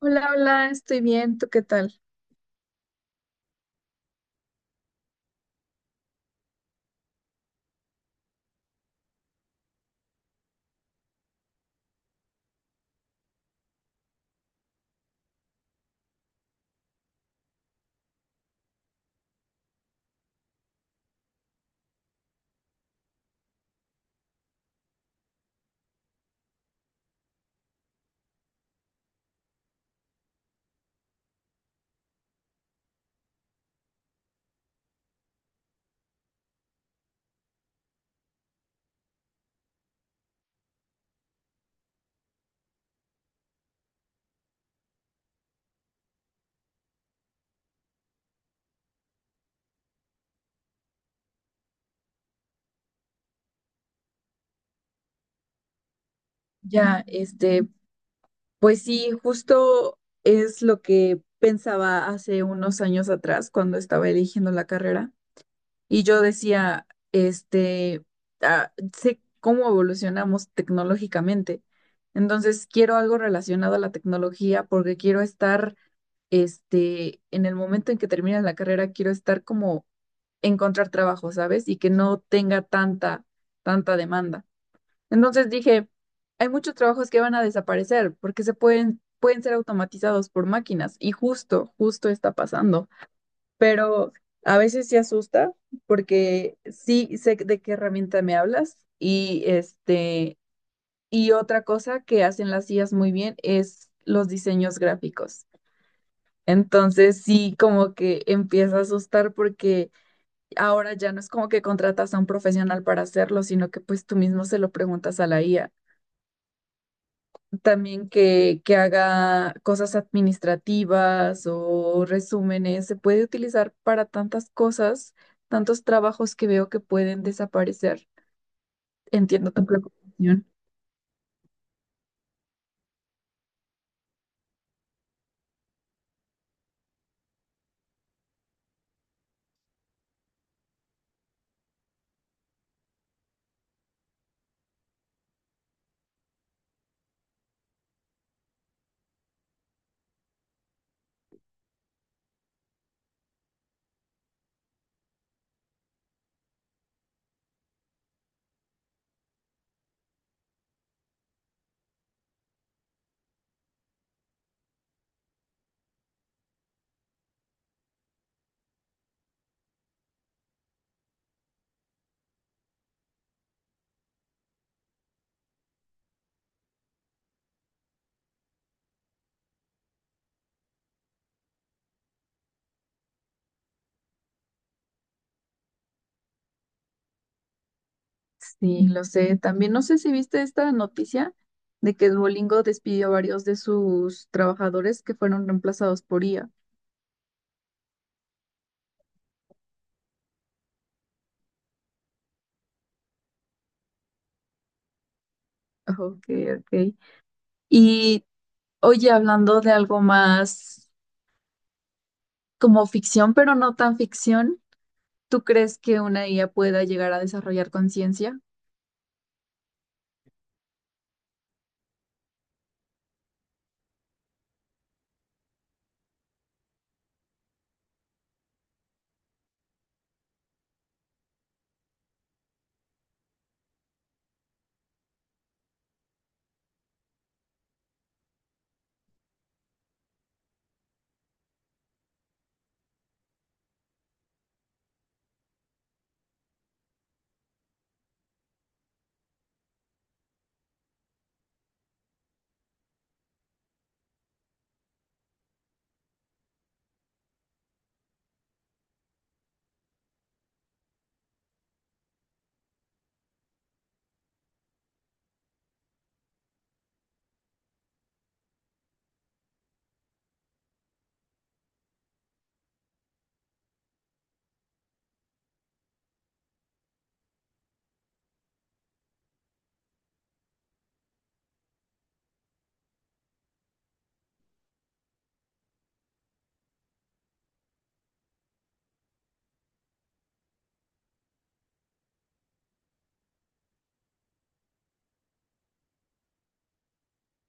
Hola, hola, estoy bien, ¿tú qué tal? Ya, pues sí, justo es lo que pensaba hace unos años atrás cuando estaba eligiendo la carrera y yo decía, este, sé cómo evolucionamos tecnológicamente, entonces quiero algo relacionado a la tecnología porque quiero estar, en el momento en que termine la carrera, quiero estar como encontrar trabajo, ¿sabes? Y que no tenga tanta demanda. Entonces dije, hay muchos trabajos que van a desaparecer porque se pueden ser automatizados por máquinas y justo está pasando. Pero a veces sí asusta porque sí sé de qué herramienta me hablas y y otra cosa que hacen las IAs muy bien es los diseños gráficos. Entonces sí como que empieza a asustar porque ahora ya no es como que contratas a un profesional para hacerlo, sino que pues tú mismo se lo preguntas a la IA. También que haga cosas administrativas o resúmenes. Se puede utilizar para tantas cosas, tantos trabajos que veo que pueden desaparecer. Entiendo tu preocupación. Sí, lo sé. También no sé si viste esta noticia de que Duolingo despidió a varios de sus trabajadores que fueron reemplazados por IA. Ok, ok. Y oye, hablando de algo más como ficción, pero no tan ficción. ¿Tú crees que una IA pueda llegar a desarrollar conciencia?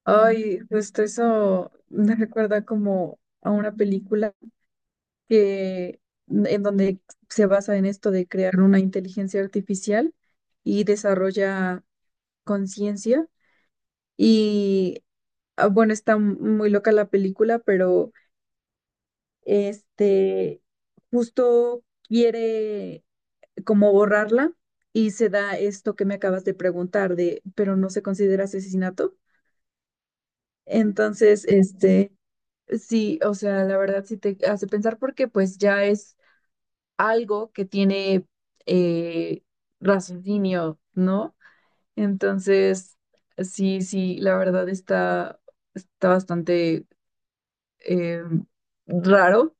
Ay, justo eso me recuerda como a una película que en donde se basa en esto de crear una inteligencia artificial y desarrolla conciencia. Y bueno, está muy loca la película, pero este justo quiere como borrarla y se da esto que me acabas de preguntar de, pero no se considera asesinato. Entonces, sí, o sea, la verdad sí te hace pensar porque pues ya es algo que tiene eh, raciocinio, ¿no? Entonces, sí, sí, la verdad está bastante eh, raro.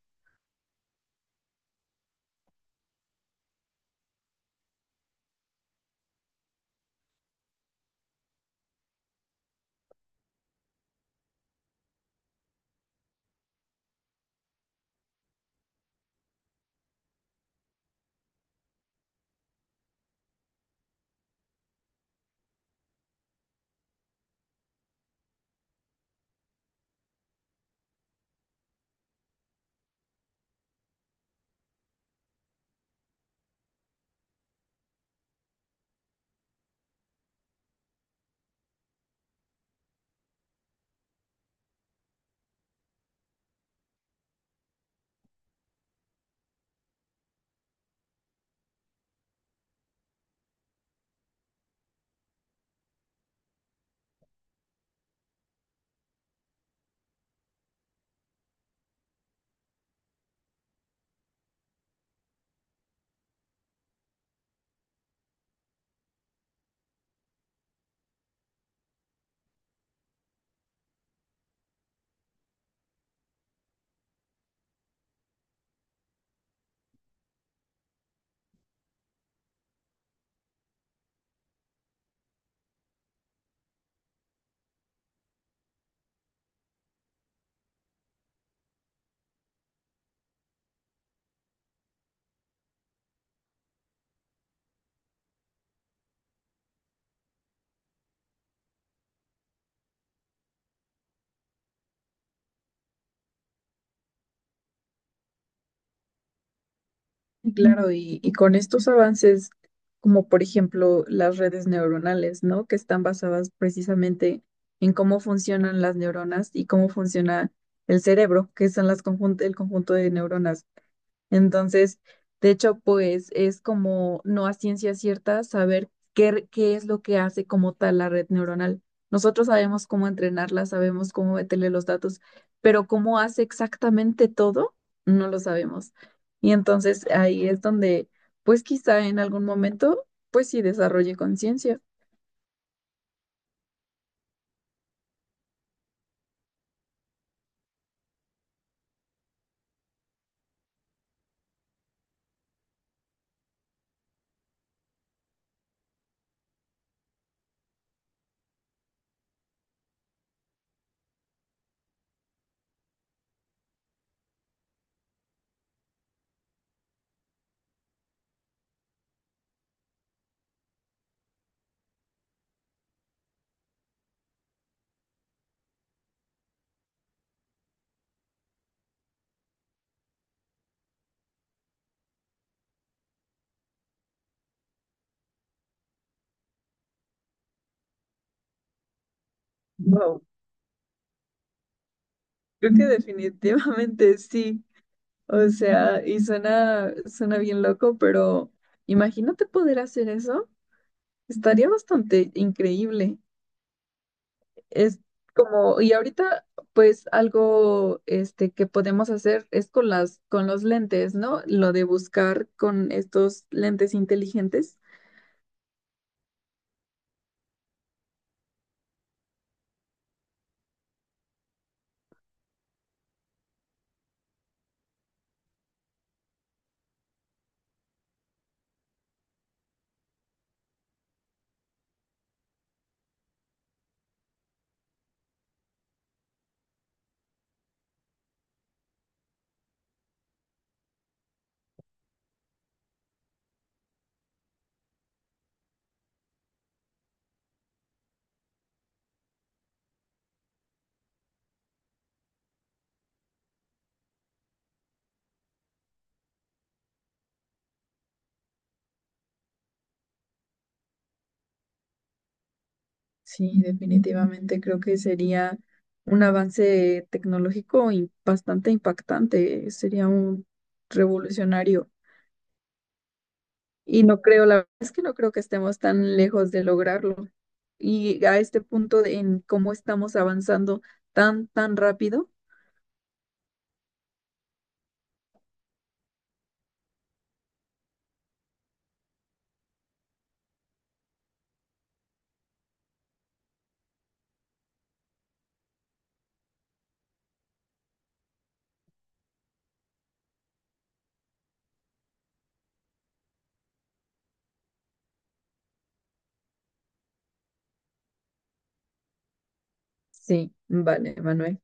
Ujú. Claro, y con estos avances, como por ejemplo las redes neuronales, ¿no? Que están basadas precisamente en cómo funcionan las neuronas y cómo funciona el cerebro, que son las el conjunto de neuronas. Entonces, de hecho, pues es como no a ciencia cierta saber qué, qué es lo que hace como tal la red neuronal. Nosotros sabemos cómo entrenarla, sabemos cómo meterle los datos, pero cómo hace exactamente todo, no lo sabemos. Y entonces ahí es donde, pues quizá en algún momento, pues sí desarrolle conciencia. Wow, creo que definitivamente sí. O sea, y suena bien loco, pero imagínate poder hacer eso. Estaría bastante increíble. Es como, y ahorita, pues algo que podemos hacer es con las, con los lentes, ¿no? Lo de buscar con estos lentes inteligentes. Sí, definitivamente creo que sería un avance tecnológico y bastante impactante. Sería un revolucionario. Y no creo, la verdad es que no creo que estemos tan lejos de lograrlo. Y a este punto en cómo estamos avanzando tan, tan rápido. Sí, vale, Manuel.